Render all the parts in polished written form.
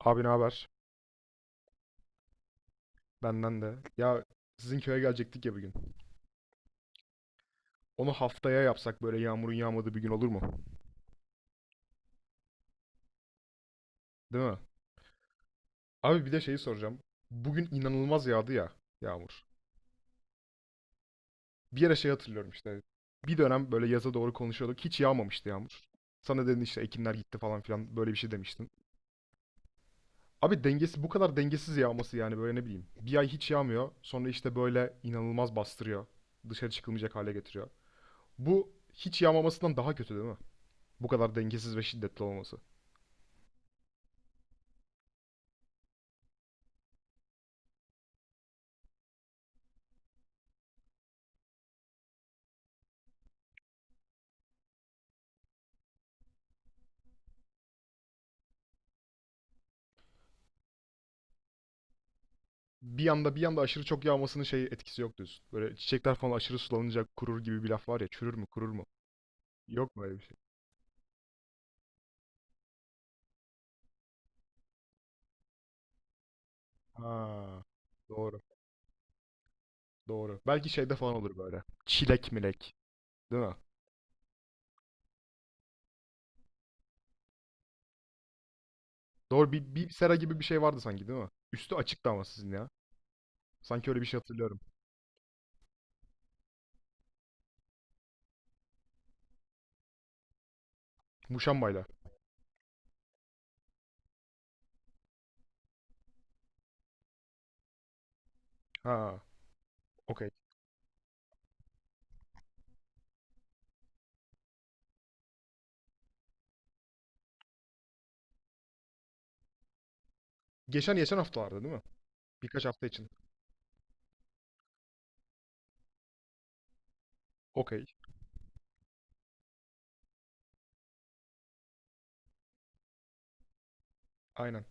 Abi ne haber? Benden de. Ya sizin köye gelecektik ya bir gün. Onu haftaya yapsak böyle yağmurun yağmadığı bir gün olur mu? Değil mi? Abi bir de şeyi soracağım. Bugün inanılmaz yağdı ya yağmur. Bir yere şey hatırlıyorum işte. Bir dönem böyle yaza doğru konuşuyorduk. Hiç yağmamıştı yağmur. Sana dedin işte ekinler gitti falan filan böyle bir şey demiştin. Abi dengesi bu kadar dengesiz yağması yani böyle ne bileyim. Bir ay hiç yağmıyor. Sonra işte böyle inanılmaz bastırıyor. Dışarı çıkılmayacak hale getiriyor. Bu hiç yağmamasından daha kötü değil mi? Bu kadar dengesiz ve şiddetli olması. Bir anda aşırı çok yağmasının şey etkisi yok diyorsun. Böyle çiçekler falan aşırı sulanınca kurur gibi bir laf var ya, çürür mü kurur mu? Yok mu öyle bir şey? Ha, doğru doğru. Belki şeyde falan olur böyle. Çilek milek değil mi? Doğru, bir sera gibi bir şey vardı sanki değil mi? Üstü açıktı ama sizin ya. Sanki öyle bir şey hatırlıyorum. Muşambayla. Ha, okey. Geçen haftalarda değil mi? Birkaç hafta için. Okey. Aynen.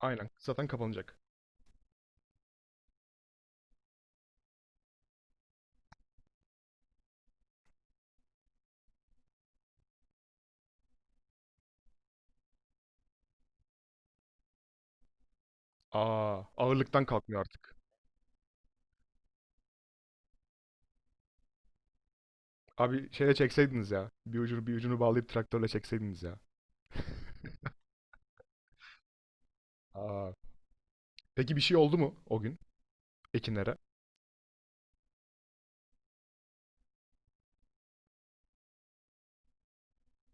Aynen. Zaten kapanacak. Aa, ağırlıktan kalkmıyor artık. Abi şeyle çekseydiniz ya. Bir ucunu, bir ucunu bağlayıp traktörle çekseydiniz ya. Aa. Peki bir şey oldu mu o gün ekinlere?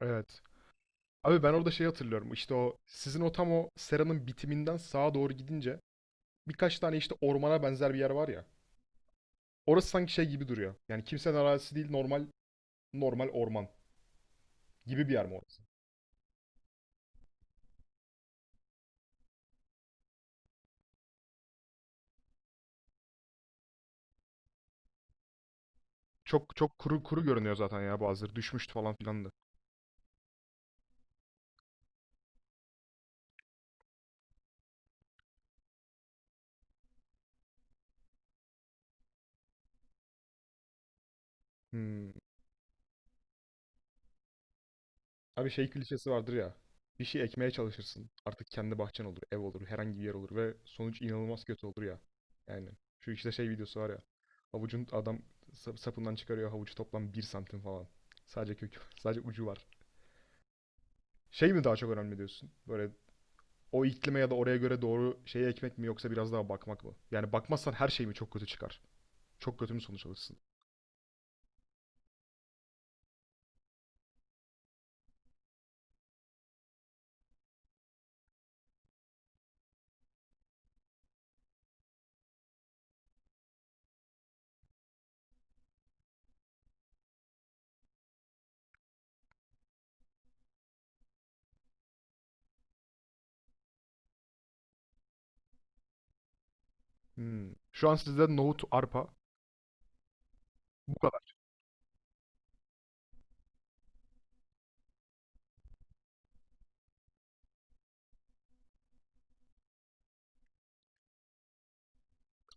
Evet. Abi ben orada şey hatırlıyorum. İşte o sizin o tam o seranın bitiminden sağa doğru gidince birkaç tane işte ormana benzer bir yer var ya. Orası sanki şey gibi duruyor. Yani kimsenin arazisi değil, normal orman gibi bir yer mi orası? Çok çok kuru kuru görünüyor zaten ya bazıları. Düşmüştü falan filan da. Hmm. Abi şey klişesi vardır ya. Bir şey ekmeye çalışırsın. Artık kendi bahçen olur, ev olur, herhangi bir yer olur ve sonuç inanılmaz kötü olur ya. Yani şu işte şey videosu var ya. Havucun adam sapından çıkarıyor havucu, toplam bir santim falan. Sadece kökü, sadece ucu var. Şey mi daha çok önemli diyorsun? Böyle o iklime ya da oraya göre doğru şeyi ekmek mi yoksa biraz daha bakmak mı? Yani bakmazsan her şey mi çok kötü çıkar? Çok kötü mü sonuç alırsın? Hmm. Şu an sizde nohut, arpa bu kadar.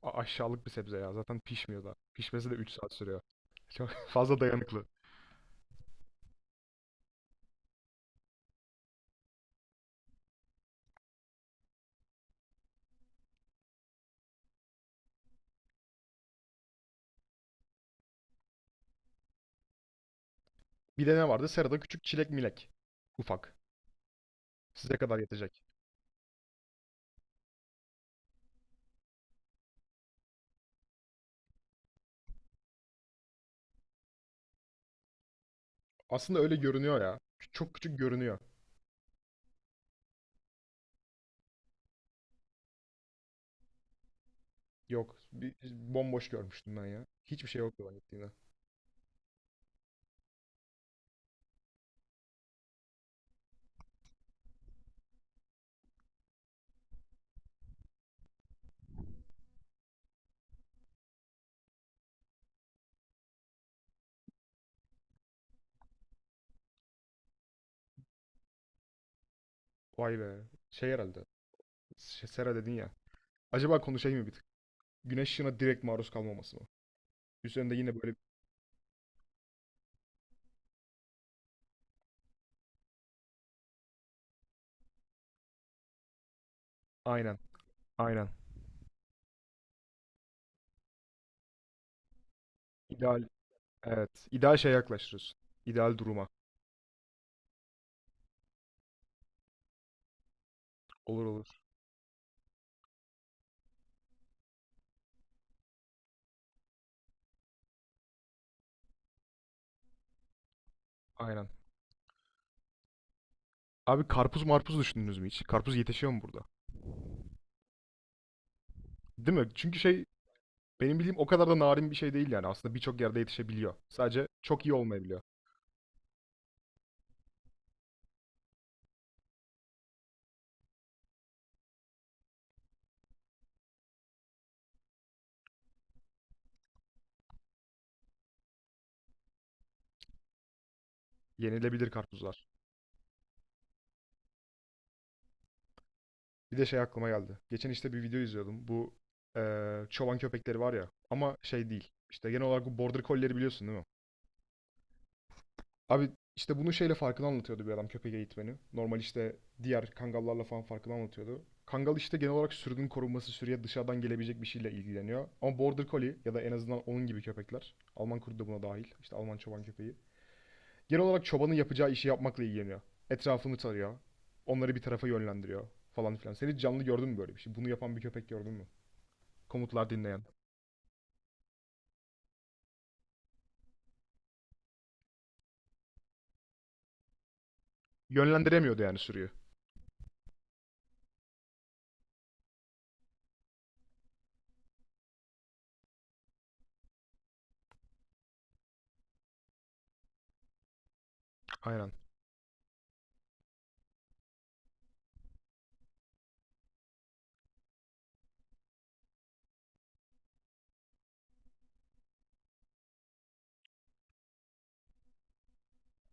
Aşağılık bir sebze ya. Zaten pişmiyor da. Pişmesi de üç saat sürüyor. Çok fazla dayanıklı. Bir de ne vardı? Serada küçük çilek milek. Ufak. Size kadar yetecek. Aslında öyle görünüyor ya. Çok küçük görünüyor. Yok. Bomboş görmüştüm ben ya. Hiçbir şey yoktu ben gittiğimde. Vay be. Şey herhalde. Sera dedin ya. Acaba konuşayım mı bir tık? Güneş ışığına direkt maruz kalmaması mı? Üzerinde yine böyle... Aynen. Aynen. İdeal. Evet. İdeal şeye yaklaştırıyorsun. İdeal duruma. Olur olur. Aynen. Abi karpuz marpuz düşündünüz mü hiç? Karpuz yetişiyor mu burada? Değil mi? Çünkü şey, benim bildiğim o kadar da narin bir şey değil yani. Aslında birçok yerde yetişebiliyor. Sadece çok iyi olmayabiliyor. Yenilebilir karpuzlar. Bir de şey aklıma geldi. Geçen işte bir video izliyordum. Bu çoban köpekleri var ya. Ama şey değil. İşte genel olarak bu border collie'leri biliyorsun değil mi? Abi işte bunu şeyle farkını anlatıyordu bir adam, köpek eğitmeni. Normal işte diğer kangallarla falan farkını anlatıyordu. Kangal işte genel olarak sürünün korunması, sürüye dışarıdan gelebilecek bir şeyle ilgileniyor. Ama Border Collie ya da en azından onun gibi köpekler. Alman kurdu da buna dahil. İşte Alman çoban köpeği. Genel olarak çobanın yapacağı işi yapmakla ilgileniyor. Etrafını tarıyor. Onları bir tarafa yönlendiriyor falan filan. Sen hiç canlı gördün mü böyle bir şey? Bunu yapan bir köpek gördün mü? Komutlar dinleyen. Yönlendiremiyordu yani sürüyü. Aynen.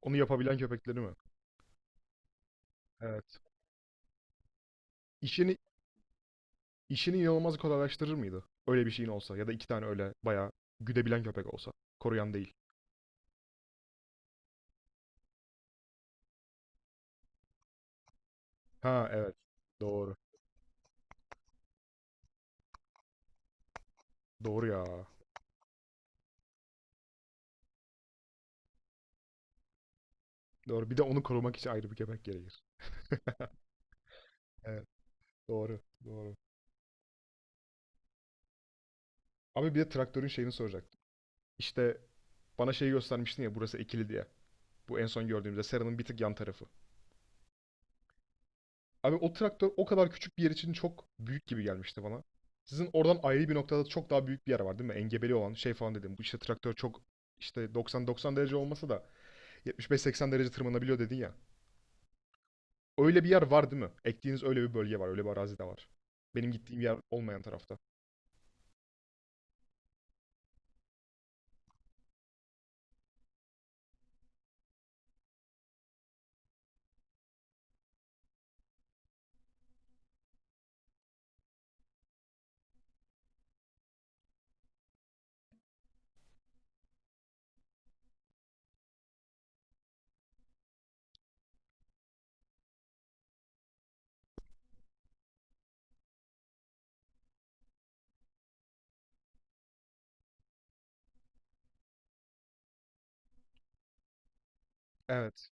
Onu yapabilen köpekleri mi? Evet. İşini İşini inanılmaz kolaylaştırır mıydı? Öyle bir şeyin olsa ya da iki tane öyle bayağı güdebilen köpek olsa. Koruyan değil. Ha evet. Doğru. Doğru ya. Doğru. Bir de onu korumak için ayrı bir köpek gerekir. Evet. Doğru. Doğru. Abi bir de traktörün şeyini soracaktım. İşte bana şeyi göstermiştin ya burası ekili diye. Bu en son gördüğümüzde Sera'nın bir tık yan tarafı. Abi o traktör o kadar küçük bir yer için çok büyük gibi gelmişti bana. Sizin oradan ayrı bir noktada çok daha büyük bir yer var değil mi? Engebeli olan şey falan dedim. Bu işte traktör çok işte 90-90 derece olmasa da 75-80 derece tırmanabiliyor dedin ya. Öyle bir yer var değil mi? Ektiğiniz öyle bir bölge var. Öyle bir arazi de var. Benim gittiğim yer olmayan tarafta. Evet.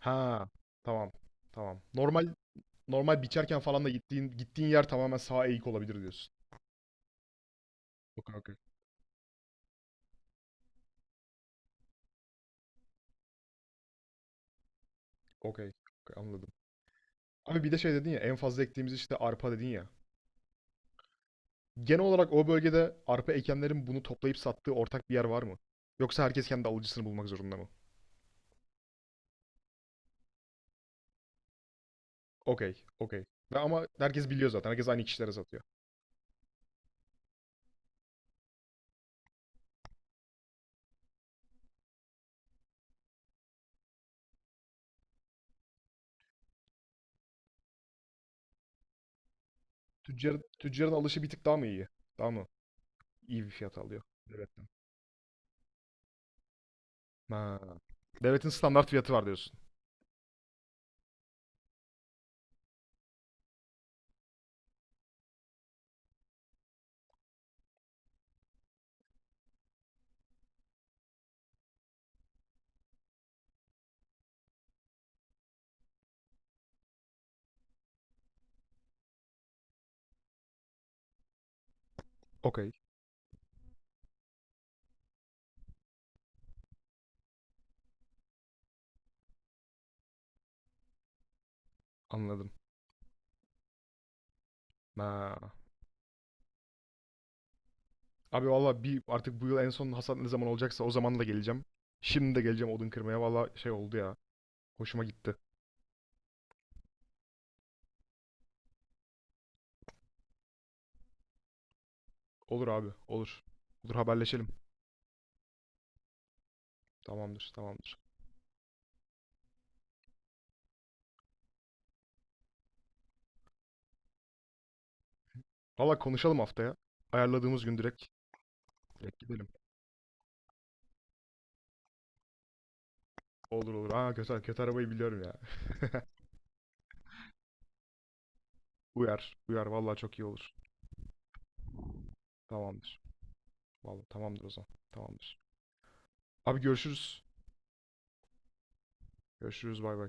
Ha, tamam. Tamam. Normal, normal biçerken falan da gittiğin yer tamamen sağa eğik olabilir diyorsun. Okey, okey. Okey, okey, anladım. Abi bir de şey dedin ya, en fazla ektiğimiz işte arpa dedin ya. Genel olarak o bölgede arpa ekenlerin bunu toplayıp sattığı ortak bir yer var mı? Yoksa herkes kendi alıcısını bulmak zorunda mı? Okey, okey. Ve ama herkes biliyor zaten. Herkes aynı kişilere satıyor. Tüccar, tüccarın alışı bir tık daha mı iyi? Daha mı iyi bir fiyat alıyor devletten? Ha. Devletin standart fiyatı var diyorsun. Okey. Anladım. Ha. Abi valla bir artık bu yıl en son hasat ne zaman olacaksa o zaman da geleceğim. Şimdi de geleceğim odun kırmaya. Valla şey oldu ya. Hoşuma gitti. Olur abi. Olur. Olur, haberleşelim. Tamamdır. Tamamdır. Valla konuşalım haftaya. Ayarladığımız gün direkt, direkt gidelim. Olur olur. Aa kötü, kötü arabayı biliyorum ya. Uyar. Uyar. Valla çok iyi olur. Tamamdır. Valla tamamdır o zaman. Tamamdır. Abi görüşürüz. Görüşürüz bay bay.